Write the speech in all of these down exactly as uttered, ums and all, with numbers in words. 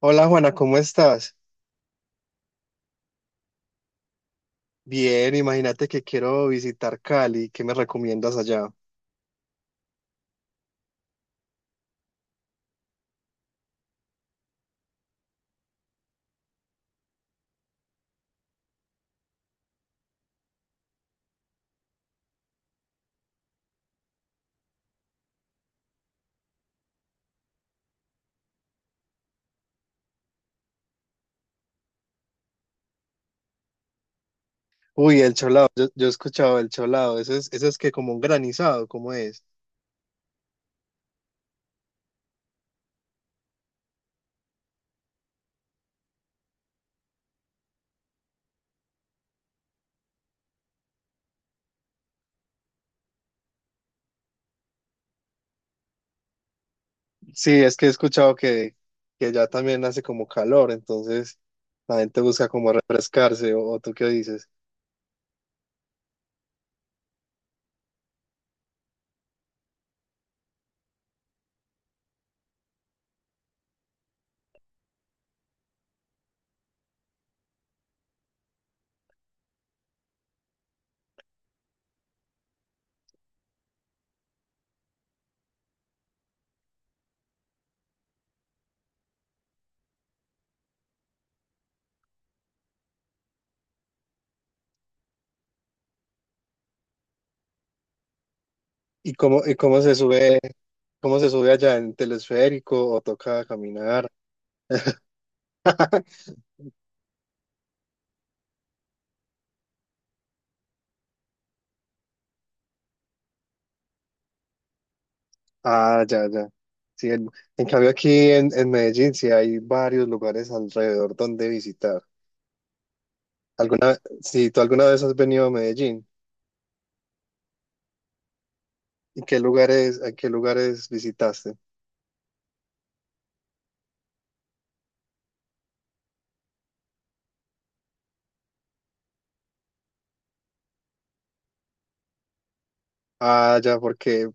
Hola Juana, ¿cómo estás? Bien, imagínate que quiero visitar Cali, ¿qué me recomiendas allá? Uy, el cholado, yo, yo he escuchado el cholado, eso es, eso es que como un granizado, ¿cómo es? Sí, es que he escuchado que, que allá también hace como calor, entonces la gente busca como refrescarse, o, o tú qué dices. ¿Y cómo, y cómo se sube, cómo se sube allá en telesférico o toca caminar? Ah, ya, ya. Sí, en, en cambio aquí en, en Medellín sí hay varios lugares alrededor donde visitar. ¿Alguna, si tú alguna vez has venido a Medellín, ¿y qué lugares, a qué lugares visitaste? Ah, ya, porque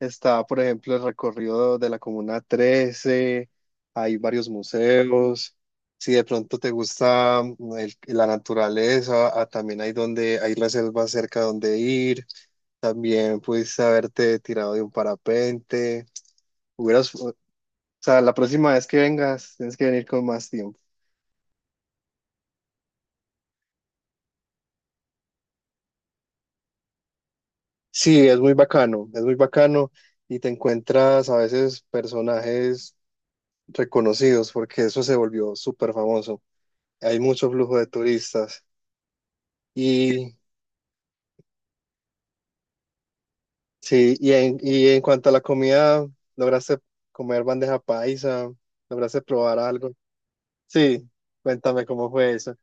está, por ejemplo, el recorrido de la Comuna trece, hay varios museos. Si de pronto te gusta mm, el- la naturaleza, ah, también hay donde hay reservas cerca donde ir. También pudiste haberte tirado de un parapente. Hubieras, o sea, la próxima vez que vengas, tienes que venir con más tiempo. Sí, es muy bacano, es muy bacano y te encuentras a veces personajes reconocidos porque eso se volvió súper famoso. Hay mucho flujo de turistas y sí, y en, y en cuanto a la comida, ¿lograste comer bandeja paisa? ¿Lograste probar algo? Sí, cuéntame cómo fue eso.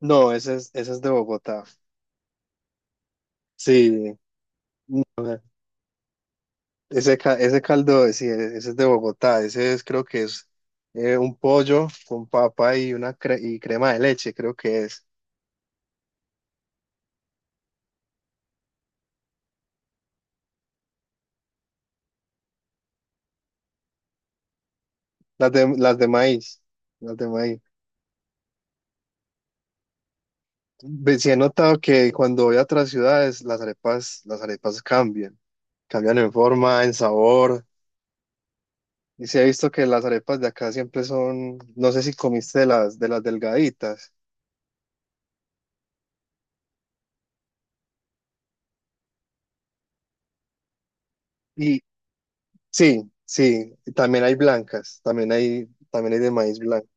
No, ese es, ese es de Bogotá. Sí, no, Ese, ca- ese caldo, sí, e, ese es de Bogotá, ese es, creo que es eh, un pollo con papa y una cre- y crema de leche, creo que es. Las de, las de maíz, las de maíz. Ve- Sí he notado que cuando voy a otras ciudades, las arepas, las arepas cambian, cambian en forma, en sabor. Y sí he visto que las arepas de acá siempre son, no sé si comiste de las, de las delgaditas. Y sí, sí, y también hay blancas, también hay, también hay de maíz blanco.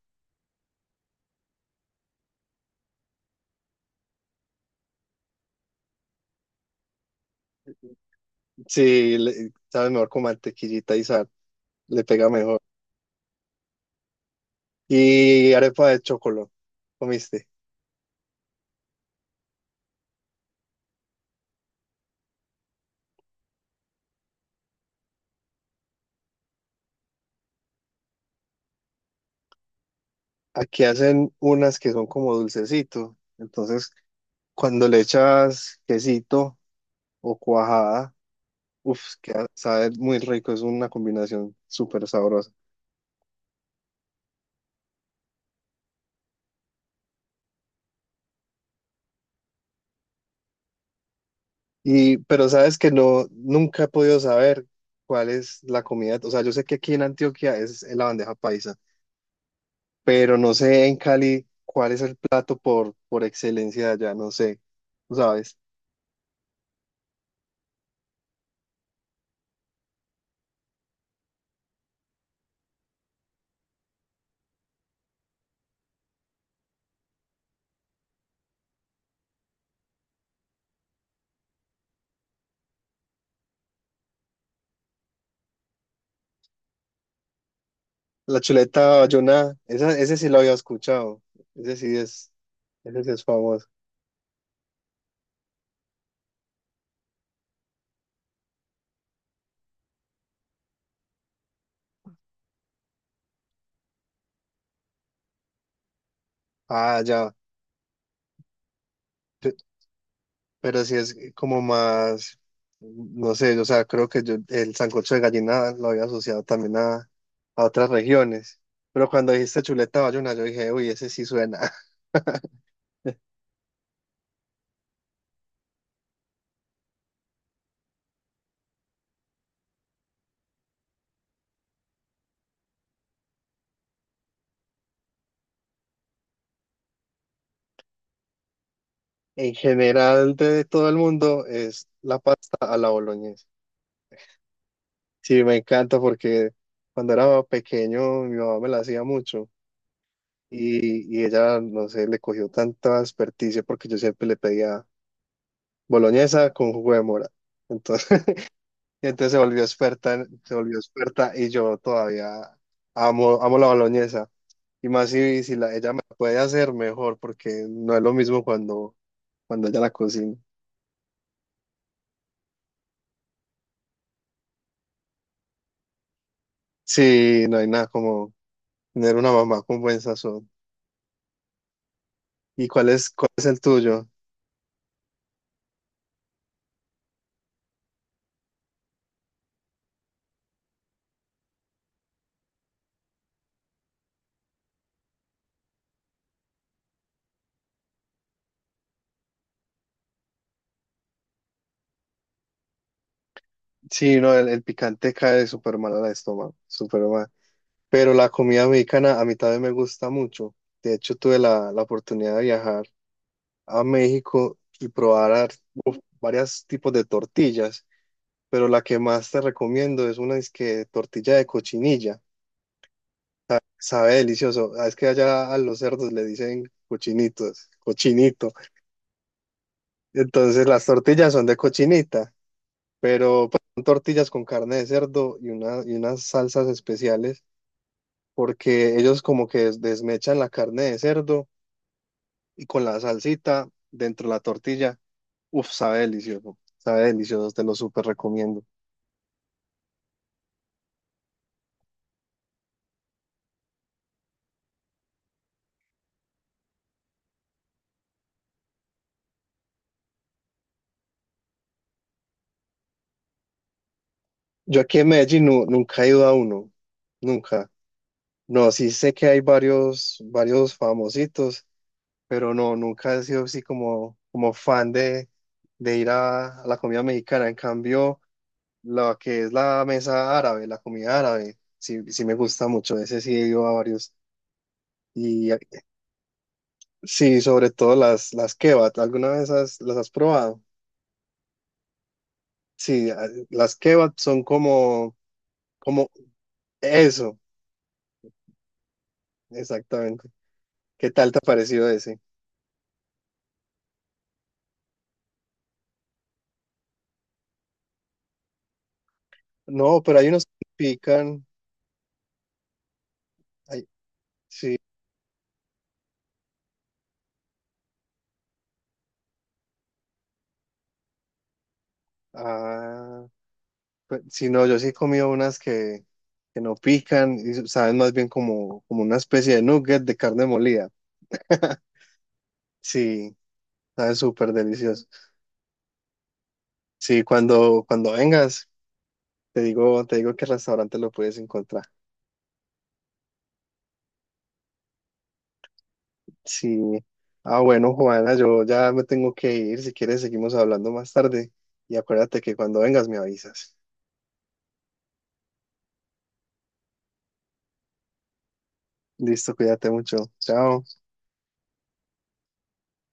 Sí, le- sabe mejor con mantequillita y sal, le pega mejor. Y arepa de chocolate, ¿comiste? Aquí hacen unas que son como dulcecito, entonces cuando le echas quesito o cuajada, uff, queda, sabe muy rico, es una combinación súper sabrosa. Y, pero sabes que no, nunca he podido saber cuál es la comida, o sea, yo sé que aquí en Antioquia es la bandeja paisa pero no sé en Cali cuál es el plato por, por excelencia de allá, no sé, ¿tú ¿sabes? La chuleta bayona, esa, ese sí lo había escuchado, ese sí es, ese sí es famoso. Ah, ya, pe- pero sí es como más, no sé, o sea, creo que yo el sancocho de gallina lo había asociado también a, a otras regiones. Pero cuando dijiste chuleta bayona, yo dije, uy, ese sí suena. En general de todo el mundo es la pasta a la boloñesa. Sí, me encanta porque cuando era pequeño mi mamá me la hacía mucho y, y ella, no sé, le cogió tanta experticia porque yo siempre le pedía boloñesa con jugo de mora. Entonces, y entonces se volvió experta, en- se volvió experta y yo todavía amo, amo la boloñesa. Y más si, si la, ella me la puede hacer mejor porque no es lo mismo cuando, cuando ella la cocina. Sí, no hay nada como tener una mamá con buen sazón. ¿Y cuál es, cuál es el tuyo? Sí, no, el, el picante cae súper mal al estómago, súper mal. Pero la comida mexicana a mí también me gusta mucho. De hecho, tuve la, la oportunidad de viajar a México y probar ar- varios tipos de tortillas, pero la que más te recomiendo es una es que tortilla de cochinilla. Sabe delicioso. Ah, es que allá a los cerdos le dicen cochinitos, cochinito. Entonces las tortillas son de cochinita, pero pues, son tortillas con carne de cerdo y, una, y unas salsas especiales porque ellos como que des- desmechan la carne de cerdo y con la salsita dentro de la tortilla, uff, sabe delicioso, sabe delicioso, te lo súper recomiendo. Yo aquí en Medellín nu- nunca he ido a uno, nunca. No, sí sé que hay varios, varios famositos, pero no, nunca he sido así como, como fan de, de ir a, a la comida mexicana. En cambio, lo que es la mesa árabe, la comida árabe, sí, sí me gusta mucho, ese sí he ido a varios. Y sí, sobre todo las, las kebab. ¿Alguna vez has- las has probado? Sí, a- las kebab son como, como eso, exactamente. ¿Qué tal te ha parecido ese? No, pero hay unos que pican. Hay- sí, ah, pues, sí, no, yo sí he comido unas que, que no pican y saben más bien como, como una especie de nugget de carne molida. Sí, sabe súper delicioso. Sí, cuando, cuando vengas, te digo, te digo qué restaurante lo puedes encontrar. Sí. Ah, bueno, Juana, yo ya me tengo que ir. Si quieres, seguimos hablando más tarde. Y acuérdate que cuando vengas me avisas. Listo, cuídate mucho. Chao.